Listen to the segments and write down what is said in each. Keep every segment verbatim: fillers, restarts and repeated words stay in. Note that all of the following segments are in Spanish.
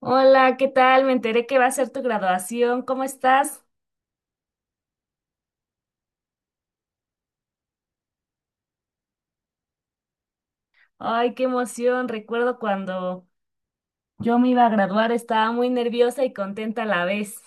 Hola, ¿qué tal? Me enteré que va a ser tu graduación. ¿Cómo estás? Ay, qué emoción. Recuerdo cuando yo me iba a graduar, estaba muy nerviosa y contenta a la vez.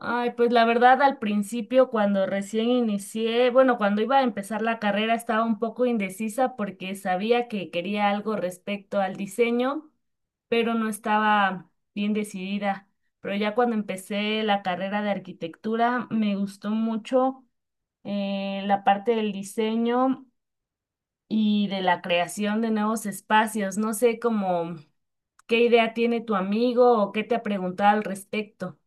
Ay, pues la verdad al principio cuando recién inicié, bueno, cuando iba a empezar la carrera estaba un poco indecisa porque sabía que quería algo respecto al diseño, pero no estaba bien decidida. Pero ya cuando empecé la carrera de arquitectura me gustó mucho eh, la parte del diseño y de la creación de nuevos espacios. No sé cómo qué idea tiene tu amigo o qué te ha preguntado al respecto.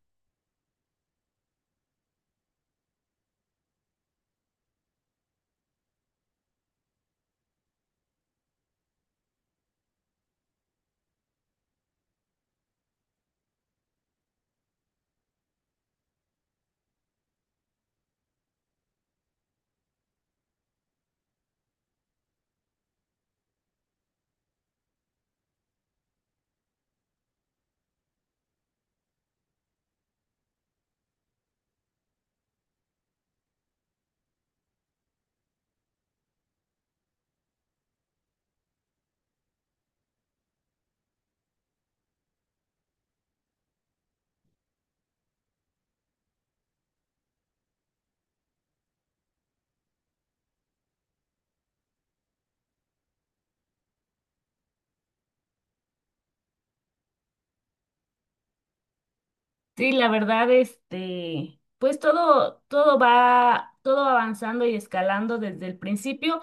Sí, la verdad, este, pues todo, todo va, todo avanzando y escalando desde el principio.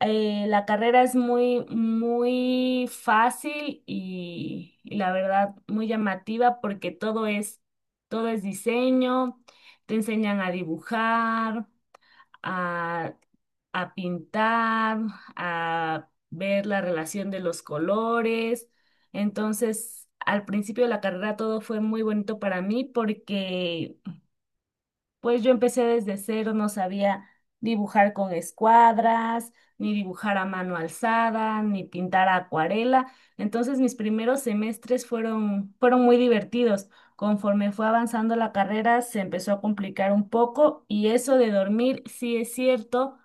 Eh, la carrera es muy, muy fácil y, y la verdad muy llamativa porque todo es, todo es diseño, te enseñan a dibujar, a, a pintar, a ver la relación de los colores. Entonces, al principio de la carrera todo fue muy bonito para mí porque pues yo empecé desde cero, no sabía dibujar con escuadras, ni dibujar a mano alzada, ni pintar a acuarela. Entonces mis primeros semestres fueron, fueron muy divertidos. Conforme fue avanzando la carrera, se empezó a complicar un poco y eso de dormir sí es cierto,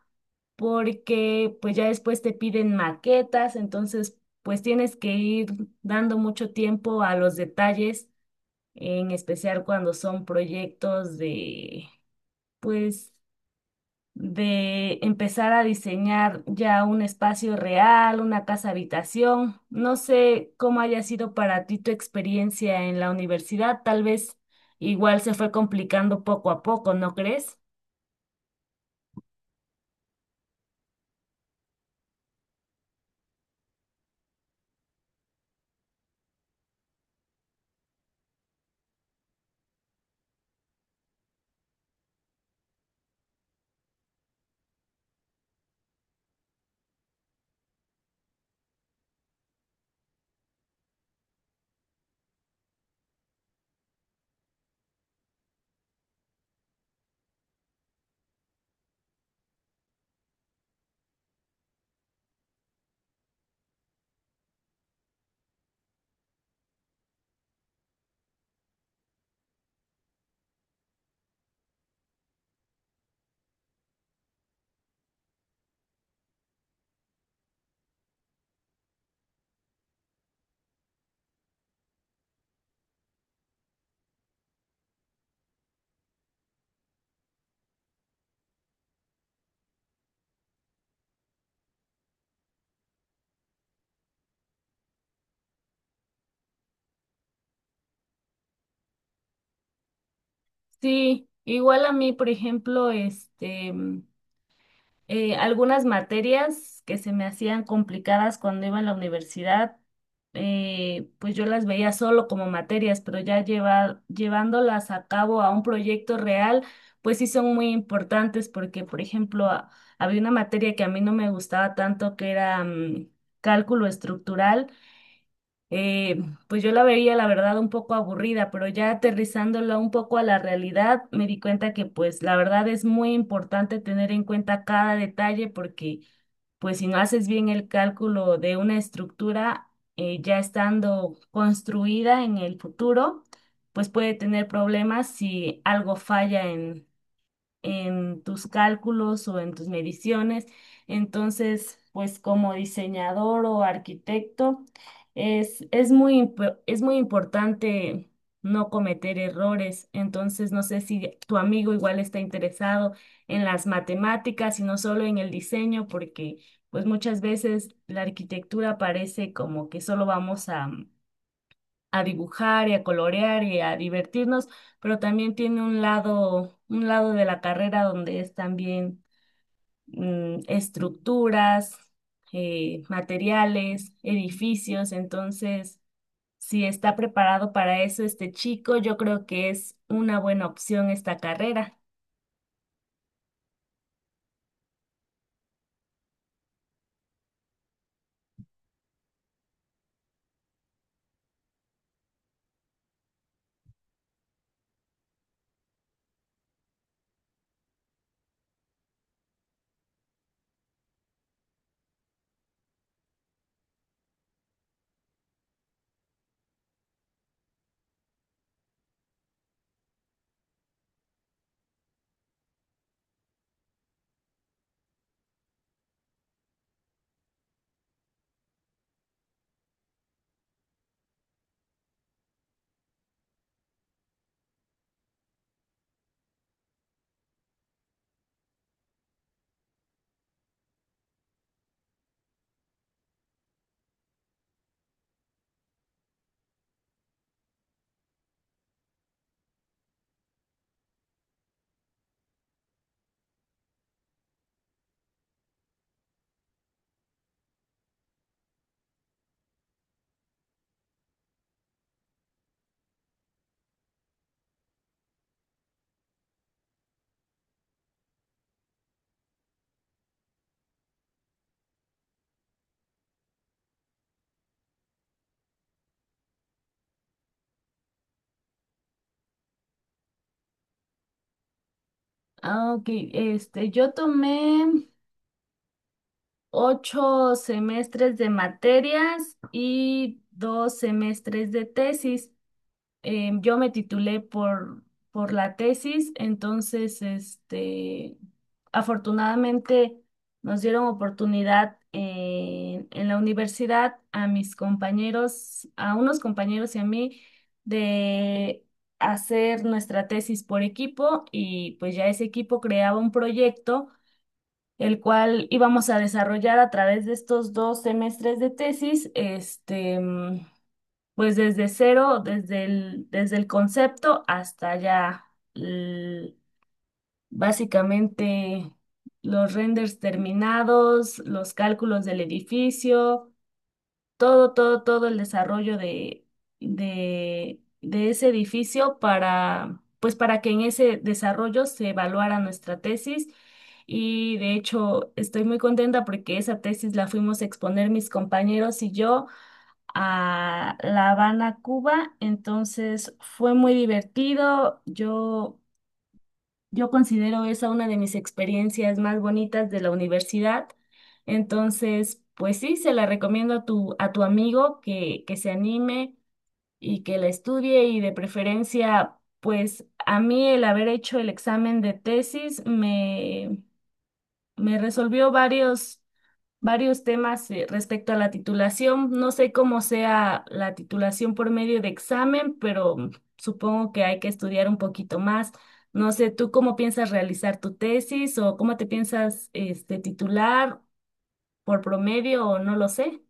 porque pues ya después te piden maquetas, entonces pues tienes que ir dando mucho tiempo a los detalles, en especial cuando son proyectos de pues de empezar a diseñar ya un espacio real, una casa habitación. No sé cómo haya sido para ti tu experiencia en la universidad, tal vez igual se fue complicando poco a poco, ¿no crees? Sí, igual a mí, por ejemplo, este eh, algunas materias que se me hacían complicadas cuando iba en la universidad, eh, pues yo las veía solo como materias, pero ya lleva- llevándolas a cabo a un proyecto real, pues sí son muy importantes porque, por ejemplo, a- había una materia que a mí no me gustaba tanto que era mm, cálculo estructural eh, pues yo la veía, la verdad, un poco aburrida, pero ya aterrizándola un poco a la realidad, me di cuenta que pues la verdad es muy importante tener en cuenta cada detalle porque pues si no haces bien el cálculo de una estructura eh, ya estando construida en el futuro, pues puede tener problemas si algo falla en tus cálculos o en tus mediciones. Entonces, pues como diseñador o arquitecto, es, es muy, impo- es muy importante no cometer errores. Entonces, no sé si tu amigo igual está interesado en las matemáticas y no solo en el diseño, porque pues muchas veces la arquitectura parece como que solo vamos a a dibujar y a colorear y a divertirnos, pero también tiene un lado, un lado de la carrera donde es también mm, estructuras, eh, materiales, edificios, entonces si está preparado para eso este chico, yo creo que es una buena opción esta carrera. Ah, ok, este, yo tomé ocho semestres de materias y dos semestres de tesis. Eh, yo me titulé por, por la tesis, entonces, este, afortunadamente nos dieron oportunidad en, en la universidad a mis compañeros, a unos compañeros y a mí, de hacer nuestra tesis por equipo y pues ya ese equipo creaba un proyecto el cual íbamos a desarrollar a través de estos dos semestres de tesis, este, pues desde cero, desde el, desde el concepto hasta ya l- básicamente los renders terminados, los cálculos del edificio, todo, todo, todo el desarrollo de, de, de ese edificio para, pues para que en ese desarrollo se evaluara nuestra tesis. Y de hecho estoy muy contenta porque esa tesis la fuimos a exponer mis compañeros y yo a La Habana, Cuba. Entonces fue muy divertido. Yo, yo considero esa una de mis experiencias más bonitas de la universidad. Entonces, pues sí, se la recomiendo a tu, a tu amigo que, que se anime y que la estudie y de preferencia, pues a mí el haber hecho el examen de tesis me resolvió varios, varios temas eh, respecto a la titulación. No sé cómo sea la titulación por medio de examen, pero mm, supongo que hay que estudiar un poquito más. No sé, ¿tú cómo piensas realizar tu tesis o cómo te piensas este, titular por promedio o no lo sé?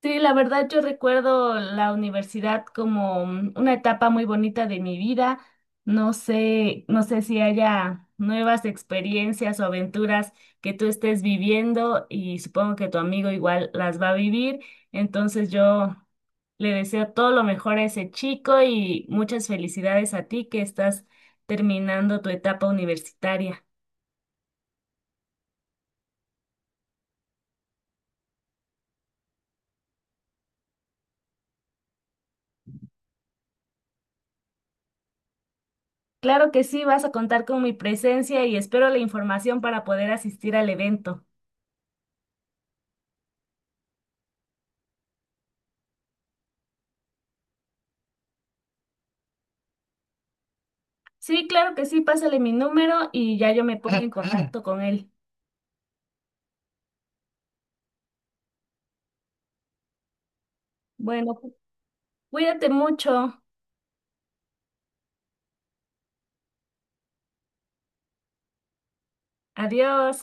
Sí, la verdad yo recuerdo la universidad como mm, una etapa muy bonita de mi vida. No sé, no sé si haya nuevas experiencias o aventuras que tú estés viviendo y supongo que tu amigo igual las va a vivir. Entonces yo le deseo todo lo mejor a ese chico y muchas felicidades a ti que estás terminando tu etapa universitaria. Claro que sí, vas a contar con mi presencia y espero la información para poder asistir al evento. Sí, claro que sí, pásale mi número y ya yo me pongo en contacto con él. Bueno, cuídate mucho. Adiós.